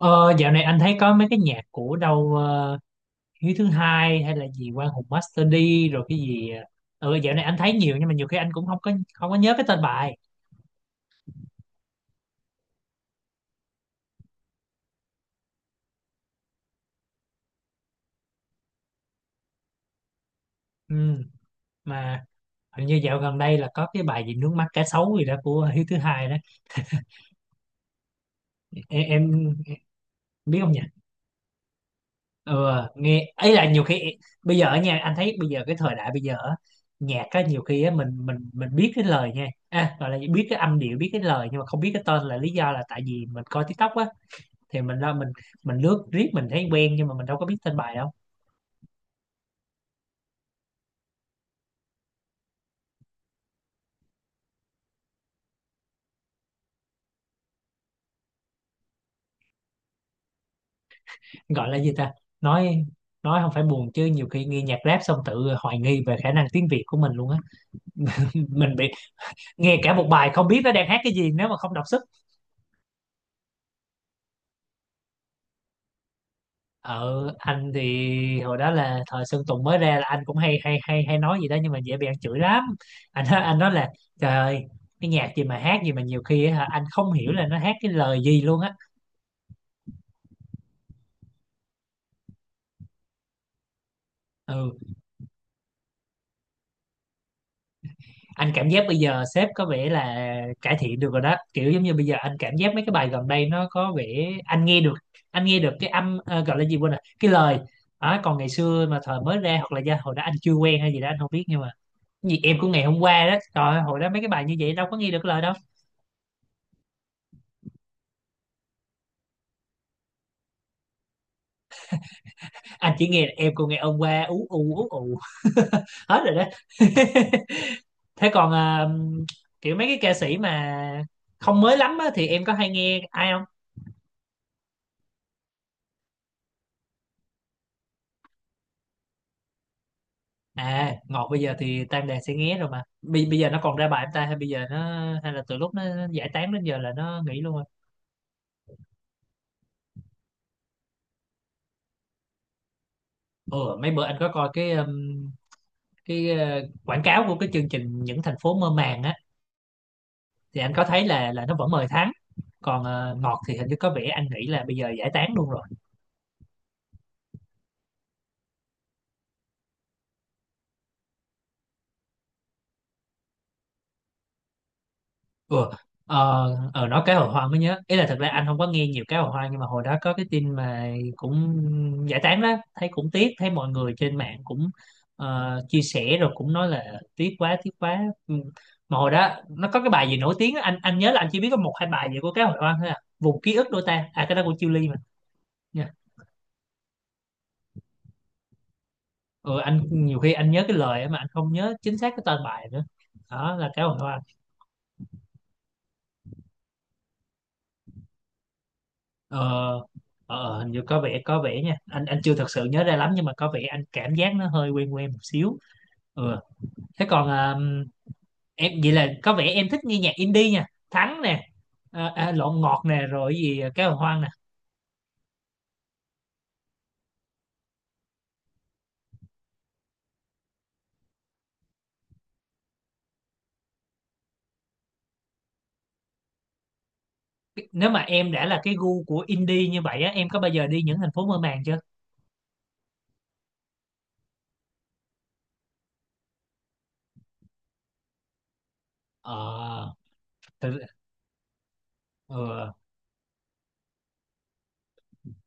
Ờ, Dạo này anh thấy có mấy cái nhạc của đâu Hiếu thứ hai hay là gì Quang Hùng Master D rồi cái gì dạo này anh thấy nhiều nhưng mà nhiều khi anh cũng không có nhớ cái tên bài. Ừ, mà hình như dạo gần đây là có cái bài gì nước mắt cá sấu gì đó của Hiếu thứ hai đó. Em biết không nhỉ? Ừ, nghe ấy là nhiều khi bây giờ ở nha anh thấy bây giờ cái thời đại bây giờ á, nhạc á nhiều khi á mình biết cái lời nha à, gọi là biết cái âm điệu biết cái lời nhưng mà không biết cái tên, là lý do là tại vì mình coi TikTok á, thì mình ra mình lướt riết mình thấy quen nhưng mà mình đâu có biết tên bài đâu. Gọi là gì ta, nói nói không phải buồn chứ nhiều khi nghe nhạc rap xong tự hoài nghi về khả năng tiếng Việt của mình luôn á. Mình bị nghe cả một bài không biết nó đang hát cái gì nếu mà không đọc sức. Ở anh thì hồi đó là thời Sơn Tùng mới ra là anh cũng hay hay hay hay nói gì đó nhưng mà dễ bị ăn chửi lắm. Anh nói là trời ơi, cái nhạc gì mà hát gì mà nhiều khi á hả, anh không hiểu là nó hát cái lời gì luôn á. Ừ, anh cảm giác bây giờ sếp có vẻ là cải thiện được rồi đó, kiểu giống như bây giờ anh cảm giác mấy cái bài gần đây nó có vẻ anh nghe được, anh nghe được cái âm gọi là gì quên rồi cái lời. Đó, còn ngày xưa mà thời mới ra hoặc là do hồi đó anh chưa quen hay gì đó anh không biết, nhưng mà cái gì em của ngày hôm qua đó trời ơi, hồi đó mấy cái bài như vậy đâu có nghe được lời đâu. Anh chỉ nghe là em của ngày hôm qua ú ù ú ù, hết rồi đó. Thế còn kiểu mấy cái ca sĩ mà không mới lắm á, thì em có hay nghe ai? À, Ngọt bây giờ thì Tam Đàn sẽ nghé rồi mà. Bây giờ nó còn ra bài em ta hay bây giờ nó hay là từ lúc nó giải tán đến giờ là nó nghỉ luôn rồi. Ừ, mấy bữa anh có coi cái quảng cáo của cái chương trình những thành phố mơ màng á thì anh có thấy là nó vẫn mời Thắng. Còn Ngọt thì hình như có vẻ anh nghĩ là bây giờ giải tán luôn rồi. Ủa, nói cá hồi hoang mới nhớ ý là thật ra anh không có nghe nhiều cá hồi hoang nhưng mà hồi đó có cái tin mà cũng giải tán đó, thấy cũng tiếc, thấy mọi người trên mạng cũng chia sẻ rồi cũng nói là tiếc quá tiếc quá. Ừ, mà hồi đó nó có cái bài gì nổi tiếng á, anh nhớ là anh chỉ biết có một hai bài gì của cá hồi hoang thôi à, vùng ký ức đôi ta à, cái đó của Chillies mà nha. Ừ, anh nhiều khi anh nhớ cái lời á mà anh không nhớ chính xác cái tên bài nữa, đó là cá hồi hoang. Ờ, ờ, hình như có vẻ nha, anh chưa thật sự nhớ ra lắm nhưng mà có vẻ anh cảm giác nó hơi quen quen một xíu. Ừ. Thế còn à, em vậy là có vẻ em thích nghe nhạc indie nha, Thắng nè, Lộn Ngọt nè rồi gì à, Cá Hồi Hoang nè. Nếu mà em đã là cái gu của indie như vậy á, em có bao giờ đi những thành phố mơ màng chưa? ờ, Thực, ừ.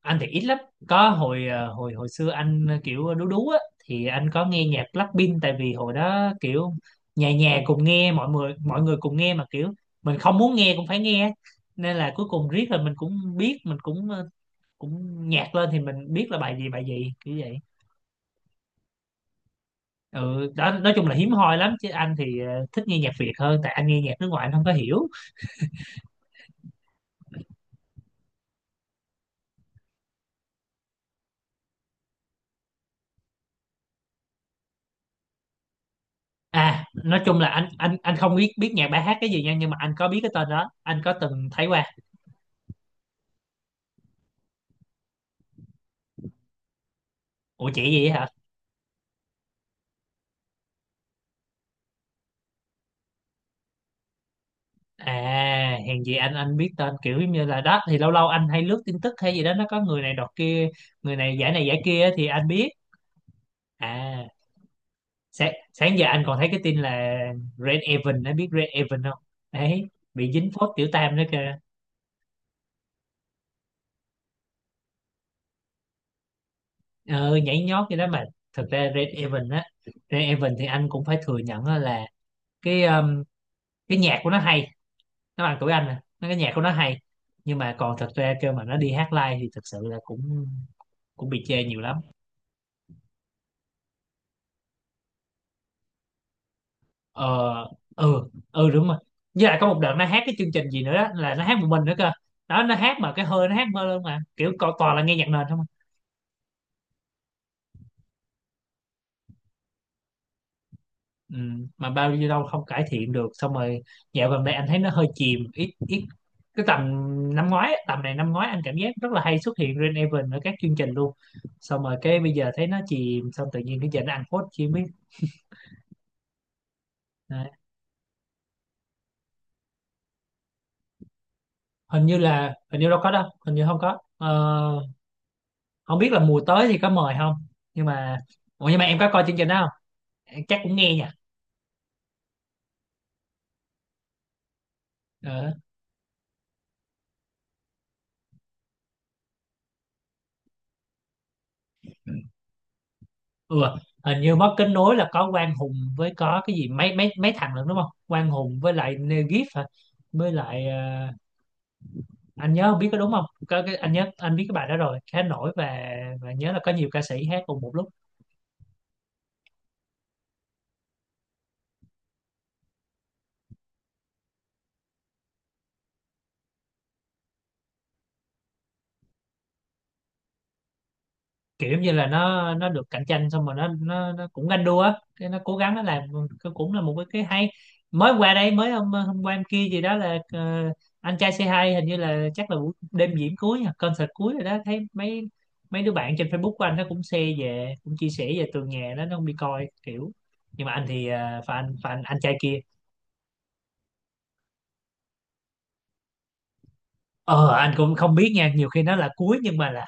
Anh thì ít lắm, có hồi hồi hồi xưa anh kiểu đú đú á thì anh có nghe nhạc Blackpink, tại vì hồi đó kiểu nhà nhà cùng nghe, mọi người cùng nghe mà kiểu mình không muốn nghe cũng phải nghe, nên là cuối cùng riết là mình cũng biết, mình cũng cũng nhạc lên thì mình biết là bài gì kiểu vậy. Ừ, đó nói chung là hiếm hoi lắm chứ anh thì thích nghe nhạc Việt hơn, tại anh nghe nhạc nước ngoài anh không có hiểu. À, nói chung là anh không biết biết nhạc bài hát cái gì nha, nhưng mà anh có biết cái tên đó, anh có từng thấy qua. Ủa chị gì hả? À, hèn gì anh biết tên, kiểu giống như là đó thì lâu lâu anh hay lướt tin tức hay gì đó nó có người này đọt kia, người này giải kia á, thì anh biết. À, sáng giờ anh còn thấy cái tin là Red Evan, anh biết Red Evan không? Đấy, bị dính phốt tiểu tam đó kìa. Ờ, nhảy nhót vậy đó mà. Thực ra Red Evan á, Red Evan thì anh cũng phải thừa nhận á là cái um, cái nhạc của nó hay, nó bằng tuổi anh nè, nó cái nhạc của nó hay. Nhưng mà còn thật ra kêu mà nó đi hát live thì thật sự là cũng cũng bị chê nhiều lắm. Ờ ừ ừ đúng rồi. Với lại có một đợt nó hát cái chương trình gì nữa đó là nó hát một mình nữa cơ, đó nó hát mà cái hơi nó hát mơ luôn mà toàn là nghe nhạc nền không à. Ừ, mà bao nhiêu đâu không cải thiện được, xong rồi dạo gần đây anh thấy nó hơi chìm ít ít. Cái tầm năm ngoái á, tầm này năm ngoái anh cảm giác rất là hay xuất hiện Rain Event ở các chương trình luôn, xong rồi cái bây giờ thấy nó chìm xong tự nhiên cái giờ nó ăn phốt chi không biết. Đấy. Hình như là hình như đâu có đâu, hình như không có. Ờ, không biết là mùa tới thì có mời không, nhưng mà ủa nhưng mà em có coi chương trình đó không, chắc cũng nghe nhỉ. Ờ. Ừ. Hình như mất kết nối là có Quang Hùng với có cái gì mấy mấy mấy thằng nữa đúng không, Quang Hùng với lại Negif hả, với lại anh nhớ không biết có đúng không, có cái anh nhớ anh biết cái bài đó rồi khá nổi, và nhớ là có nhiều ca sĩ hát cùng một lúc. Kiểu như là nó được cạnh tranh xong rồi nó cũng ganh đua á, cái nó cố gắng nó làm, cái cũng là một cái hay. Mới qua đây mới hôm hôm qua em kia gì đó là anh trai Say hai hình như là chắc là buổi đêm diễn cuối nha, concert cuối rồi đó, thấy mấy mấy đứa bạn trên Facebook của anh nó cũng share về cũng chia sẻ về tường nhà đó, nó không đi coi kiểu, nhưng mà anh thì fan fan anh trai kia. Ờ anh cũng không biết nha, nhiều khi nó là cuối nhưng mà là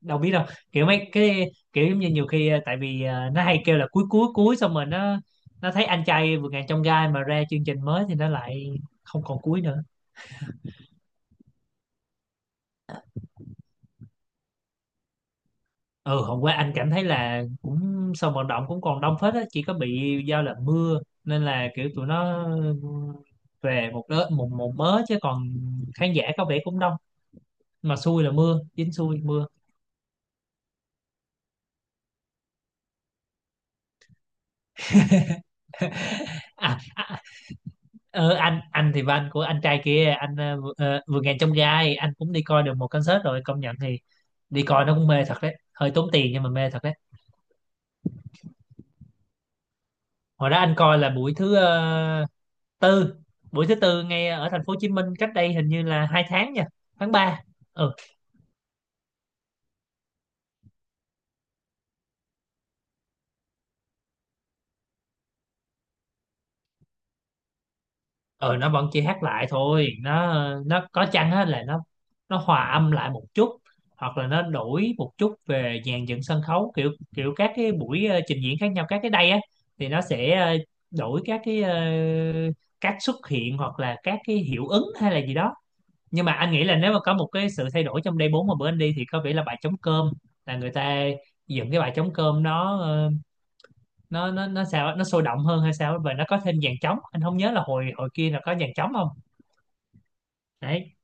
đâu biết đâu, kiểu mấy cái kiểu giống như nhiều khi tại vì nó hay kêu là cuối cuối cuối xong rồi nó thấy anh trai vượt ngàn chông gai mà ra chương trình mới thì nó lại không còn cuối nữa. Ừ, hôm qua anh cảm thấy là cũng sân vận động cũng còn đông phết á, chỉ có bị giao là mưa nên là kiểu tụi nó về một đợt một một mớ chứ còn khán giả có vẻ cũng đông, mà xui là mưa, dính xui mưa. à, à, ờ anh thì van của anh trai kia anh vừa vừa ngàn trong gai anh cũng đi coi được một concert rồi, công nhận thì đi coi nó cũng mê thật đấy, hơi tốn tiền nhưng mà mê thật đấy. Hồi đó anh coi là buổi thứ tư, buổi thứ tư ngay ở thành phố Hồ Chí Minh, cách đây hình như là hai tháng nha, tháng 3. Ừ nó vẫn chỉ hát lại thôi, nó có chăng á là nó hòa âm lại một chút, hoặc là nó đổi một chút về dàn dựng sân khấu kiểu kiểu các cái buổi trình diễn khác nhau các cái day á, thì nó sẽ đổi các cái cách xuất hiện hoặc là các cái hiệu ứng hay là gì đó. Nhưng mà anh nghĩ là nếu mà có một cái sự thay đổi trong day 4 mà bữa anh đi thì có vẻ là bài trống cơm, là người ta dựng cái bài trống cơm, nó sao á, nó sôi động hơn hay sao á, và nó có thêm dàn trống. Anh không nhớ là hồi hồi kia là có dàn trống không, đấy.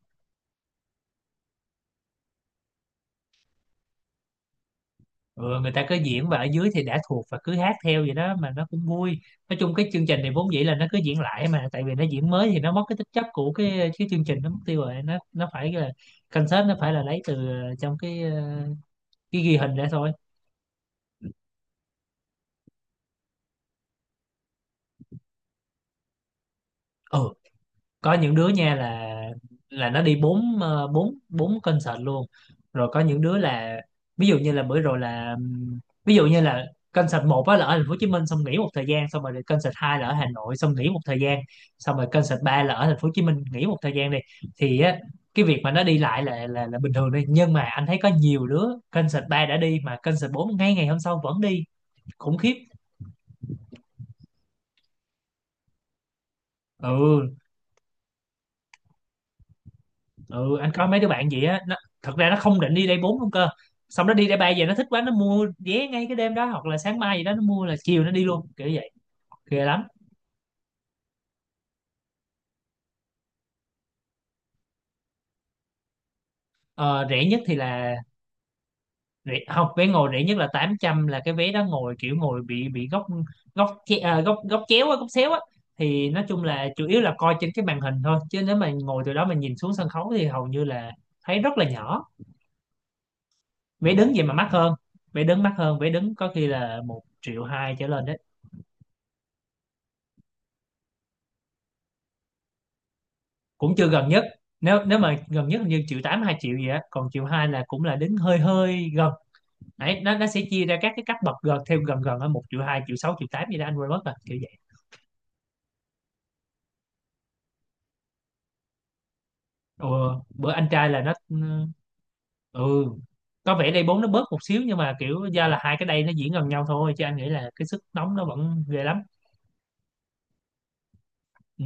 Ừ, người ta cứ diễn và ở dưới thì đã thuộc và cứ hát theo vậy đó mà nó cũng vui. Nói chung cái chương trình này vốn dĩ là nó cứ diễn lại, mà tại vì nó diễn mới thì nó mất cái tính chất của cái chương trình, nó mất tiêu rồi. Nó phải là concert, nó phải là lấy từ trong cái ghi hình ra thôi. Ừ, có những đứa nha là nó đi bốn ờ, bốn bốn concert luôn. Rồi có những đứa là, ví dụ như là bữa rồi là ví dụ như là concert một á là ở thành phố Hồ Chí Minh, xong nghỉ một thời gian, xong rồi thì concert hai là ở Hà Nội, xong nghỉ một thời gian, xong rồi concert ba là ở thành phố Hồ Chí Minh, nghỉ một thời gian đi. Thì á, cái việc mà nó đi lại là bình thường đi, nhưng mà anh thấy có nhiều đứa concert ba đã đi mà concert bốn ngay ngày hôm sau vẫn đi. Khủng khiếp. Ừ. Ừ, anh coi mấy đứa bạn vậy á, thật ra nó không định đi đây 4 luôn cơ, xong nó đi đây 3 về, nó thích quá, nó mua vé ngay cái đêm đó hoặc là sáng mai gì đó, nó mua là chiều nó đi luôn kiểu vậy. Ghê lắm. Ờ, Rẻ nhất thì là, rẻ, không, vé ngồi rẻ nhất là 800, là cái vé đó ngồi kiểu ngồi bị góc, góc che- à, góc góc chéo á, góc xéo á. Thì nói chung là chủ yếu là coi trên cái màn hình thôi, chứ nếu mà ngồi từ đó mà nhìn xuống sân khấu thì hầu như là thấy rất là nhỏ. Vé đứng vậy mà mắc hơn. Vé đứng mắc hơn, vé đứng có khi là một triệu hai trở lên đấy. Cũng chưa gần nhất. Nếu nếu mà gần nhất hình như triệu tám, hai triệu gì á, còn triệu hai là cũng là đến hơi hơi gần. Đấy, nó sẽ chia ra các cái cấp bậc gần theo gần, gần ở một triệu hai, triệu sáu, triệu tám gì đó, anh quên mất rồi kiểu vậy. Ừ, bữa anh trai là nó, ừ. Ừ, có vẻ đây bốn nó bớt một xíu, nhưng mà kiểu do là hai cái đây nó diễn gần nhau thôi, chứ anh nghĩ là cái sức nóng nó vẫn ghê lắm. Ừ.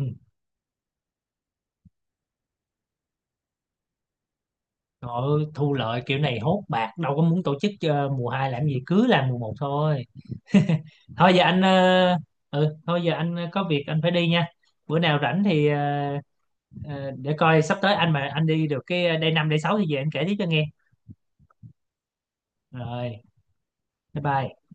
Rồi, thu lợi kiểu này hốt bạc, đâu có muốn tổ chức mùa hai làm gì, cứ làm mùa một thôi. thôi giờ anh ờ, Thôi giờ anh có việc anh phải đi nha. Bữa nào rảnh thì để coi sắp tới anh mà anh đi được cái day năm, day sáu thì về anh kể tiếp cho nghe. Rồi, bye bye.